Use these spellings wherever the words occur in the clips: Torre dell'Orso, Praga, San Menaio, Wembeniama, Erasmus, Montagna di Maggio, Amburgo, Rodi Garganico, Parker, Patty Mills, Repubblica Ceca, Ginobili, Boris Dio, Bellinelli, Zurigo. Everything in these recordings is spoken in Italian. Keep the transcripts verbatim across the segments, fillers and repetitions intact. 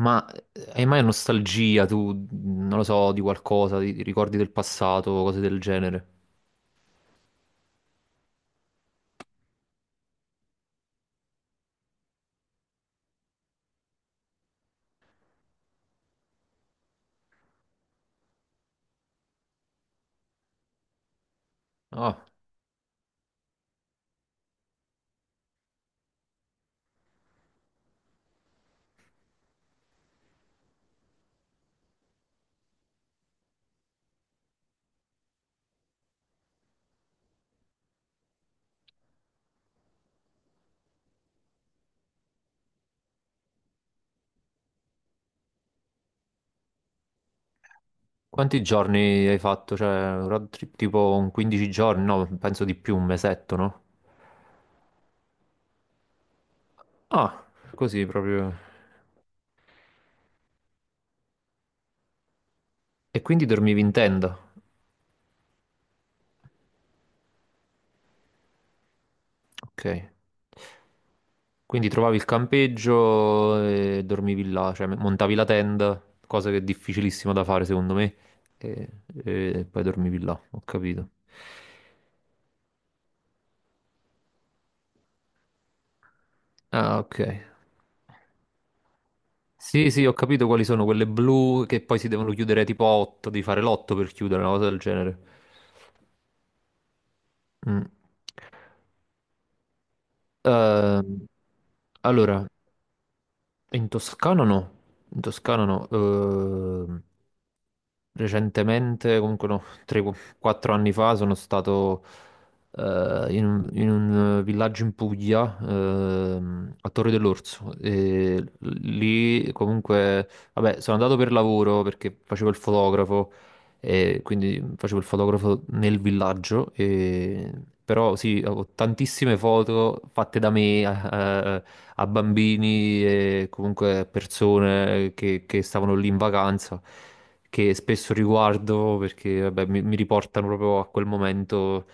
Ma eh, hai mai nostalgia tu, non lo so, di qualcosa, di, di ricordi del passato, cose del genere? Ah, quanti giorni hai fatto? Cioè, un road trip tipo un quindici giorni? No, penso di più, un mesetto, no? Ah, così proprio. E quindi dormivi in tenda? Ok. Quindi trovavi il campeggio e dormivi là, cioè montavi la tenda, cosa che è difficilissima da fare secondo me, e, e poi dormivi là, ho capito. Ah, ok. Sì, sì, ho capito quali sono quelle blu che poi si devono chiudere tipo a otto, devi fare l'otto per chiudere, una cosa del genere. Mm. Ehm, allora, in Toscana no, in Toscana no. Ehm, recentemente, comunque no, tre o quattro anni fa sono stato eh, in, un in un villaggio in Puglia, ehm, a Torre dell'Orso. E lì comunque, vabbè, sono andato per lavoro perché facevo il fotografo. E quindi facevo il fotografo nel villaggio, e- però sì, ho tantissime foto fatte da me a, a- a bambini e comunque a persone che, che stavano lì in vacanza, che spesso riguardo perché vabbè, mi, mi riportano proprio a quel momento,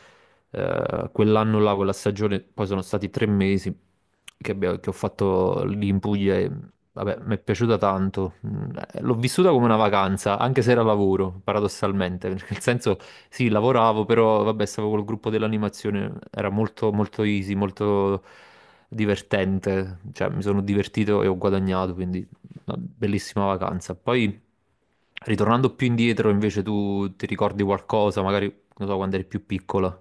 eh, a quell'anno là, quella stagione. Poi sono stati tre mesi che, abbia- che ho fatto lì in Puglia e vabbè, mi è piaciuta tanto. Mm, eh, L'ho vissuta come una vacanza, anche se era lavoro, paradossalmente. Perché nel senso, sì, lavoravo, però vabbè, stavo col gruppo dell'animazione, era molto, molto easy, molto divertente. Cioè, mi sono divertito e ho guadagnato, quindi una bellissima vacanza. Poi, ritornando più indietro, invece, tu ti ricordi qualcosa, magari, non so, quando eri più piccola.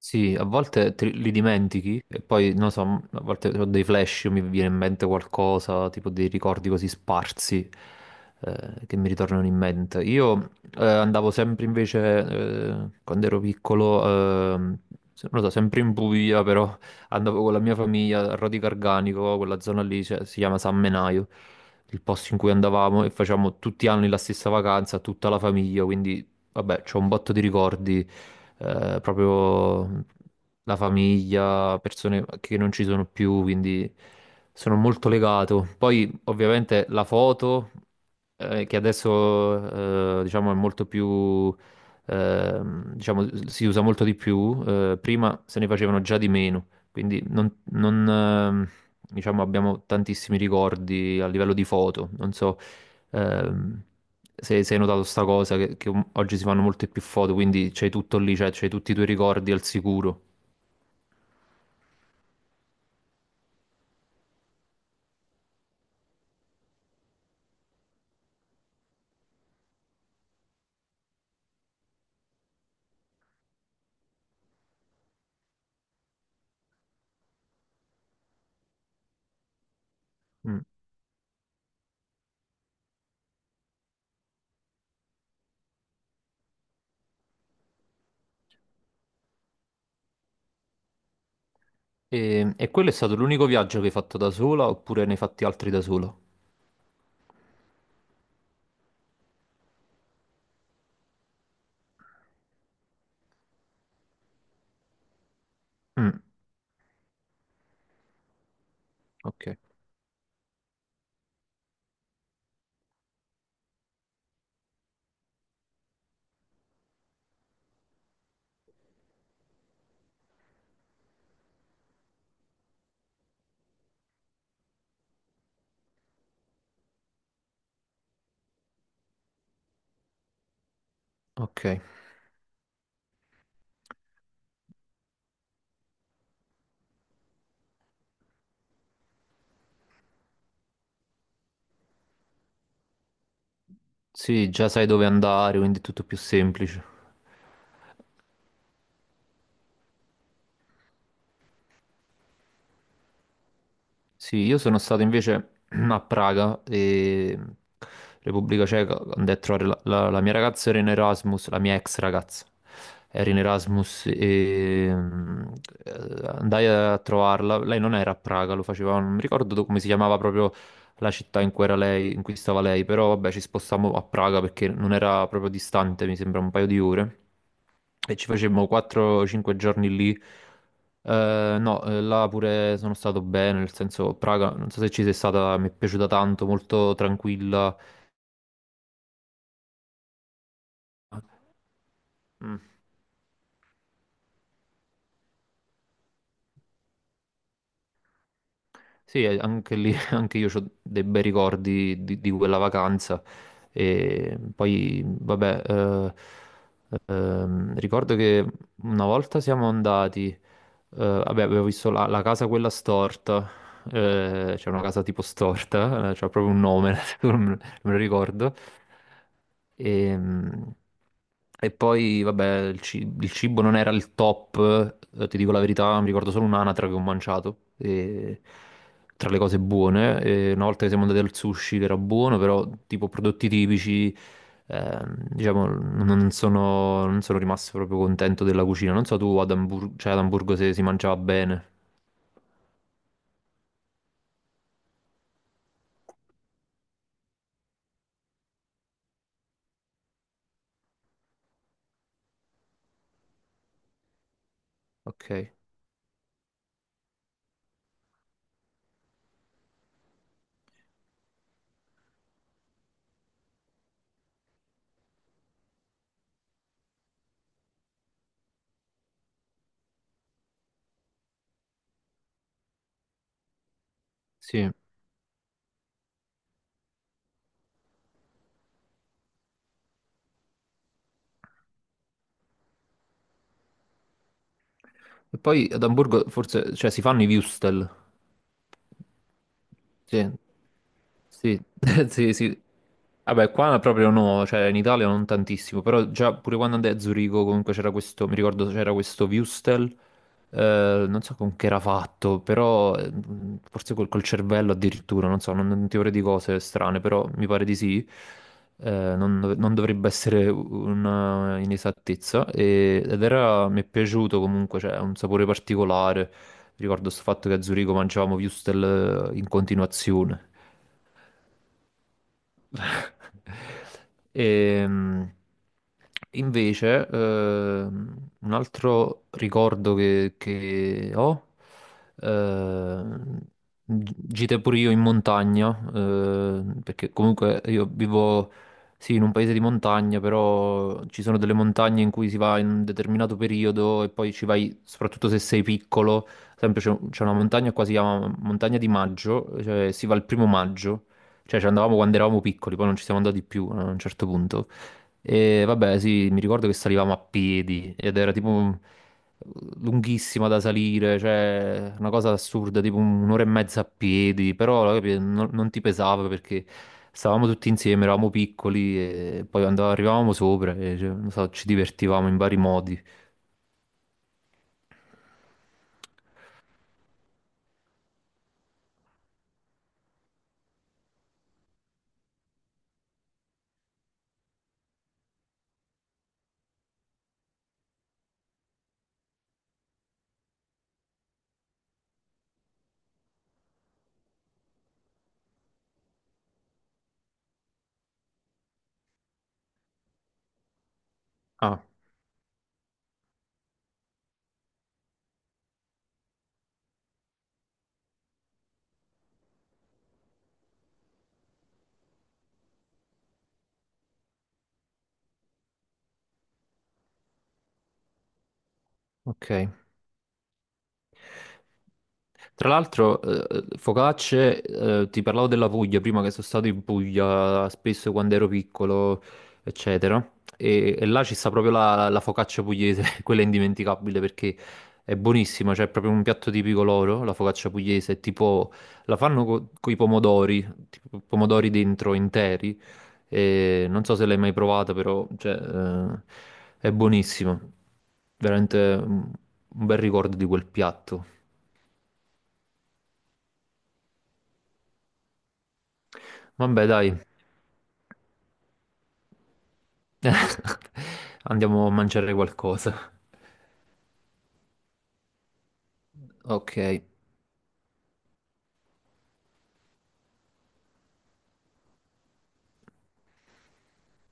Sì, a volte te li dimentichi e poi, non so, a volte ho dei flash, mi viene in mente qualcosa, tipo dei ricordi così sparsi eh, che mi ritornano in mente. Io eh, andavo sempre invece, eh, quando ero piccolo, ehm, se- non lo so, sempre in Puglia, però andavo con la mia famiglia a Rodi Garganico, quella zona lì, cioè, si chiama San Menaio, il posto in cui andavamo e facevamo tutti gli anni la stessa vacanza, tutta la famiglia. Quindi vabbè, c'ho un botto di ricordi, eh, proprio la famiglia, persone che non ci sono più, quindi sono molto legato. Poi ovviamente la foto, eh, che adesso eh, diciamo è molto più, ehm, diciamo si usa molto di più, eh, prima se ne facevano già di meno, quindi non, non, ehm, diciamo abbiamo tantissimi ricordi a livello di foto, non so. Ehm, se, se hai notato sta cosa, che, che oggi si fanno molte più foto, quindi c'hai tutto lì, cioè c'hai tutti i tuoi ricordi al sicuro. Mm. E, e quello è stato l'unico viaggio che hai fatto da sola oppure ne hai fatti altri da sola? Mm, ok, ok. Sì, già sai dove andare, quindi è tutto più semplice. Sì, io sono stato invece a Praga, e Repubblica Ceca. Andai a trovare la, la- la mia ragazza, era in Erasmus, la mia ex ragazza era in Erasmus e mm, eh, andai a trovarla. Lei non era a Praga, lo faceva, non mi ricordo do- come si chiamava proprio la città in cui era lei, in cui stava lei, però vabbè ci spostammo a Praga perché non era proprio distante, mi sembra un paio di ore. E ci facemmo quattro o cinque giorni lì. Eh, no, eh, Là pure sono stato bene, nel senso, Praga, non so se ci sei stata, mi è piaciuta tanto, molto tranquilla. Mm. Sì, eh, anche lì, anche io ho dei bei ricordi di, di quella vacanza. E poi, vabbè, eh, ehm, ricordo che una volta siamo andati, eh, vabbè, avevo visto la, la casa quella storta, eh, c'è una casa tipo storta, eh, c'ha proprio un nome, me lo ricordo. Ehm, E poi, vabbè, il, ci- il cibo non era il top, eh, ti dico la verità, mi ricordo solo un'anatra che ho mangiato, e- tra le cose buone. E una volta che siamo andati al sushi, che era buono, però tipo prodotti tipici, ehm, diciamo, non sono, non sono rimasto proprio contento della cucina. Non so tu ad Hamburgo, cioè ad Amburgo se si mangiava bene. Ok, sì. E poi ad Amburgo forse, cioè si fanno i würstel. Sì, sì, sì, sì. Vabbè, qua proprio no, cioè in Italia non tantissimo, però già pure quando andai a Zurigo comunque c'era questo, mi ricordo c'era questo Wüstel, eh, non so con che era fatto, però eh, forse col, col cervello addirittura, non so, non, non ti vorrei di cose strane, però mi pare di sì, eh, non, dov- non dovrebbe essere una inesattezza, e- ed era, mi è piaciuto comunque, cioè ha un sapore particolare. Ricordo sto fatto che a Zurigo mangiavamo würstel eh, in continuazione. Ehm, Invece, ehm, un altro ricordo che, che ho, ehm, gi- gite pure io in montagna, ehm, perché comunque io vivo, sì, in un paese di montagna, però ci sono delle montagne in cui si va in un determinato periodo e poi ci vai, soprattutto se sei piccolo. Sempre c'è c'è una montagna qua, si chiama Montagna di Maggio, cioè si va il primo maggio. Cioè, ci andavamo quando eravamo piccoli, poi non ci siamo andati più a un certo punto. E vabbè, sì, mi ricordo che salivamo a piedi ed era tipo un- lunghissima da salire, cioè una cosa assurda, tipo un'ora e mezza a piedi, però capi, non, non ti pesava perché stavamo tutti insieme, eravamo piccoli e poi andavamo, arrivavamo sopra e cioè, non so, ci divertivamo in vari modi. Ah, ok. Tra l'altro, eh, eh, focacce, eh, ti parlavo della Puglia prima, che sono stato in Puglia spesso quando ero piccolo, eccetera. E, e là ci sta proprio la, la focaccia pugliese, quella è indimenticabile perché è buonissima, cioè è proprio un piatto tipico loro, la focaccia pugliese, è tipo la fanno con i pomodori, tipo pomodori dentro interi. E non so se l'hai mai provata, però cioè, eh, è buonissima. Veramente mm, un bel ricordo di quel piatto. Vabbè, dai. Andiamo a mangiare qualcosa. Ok.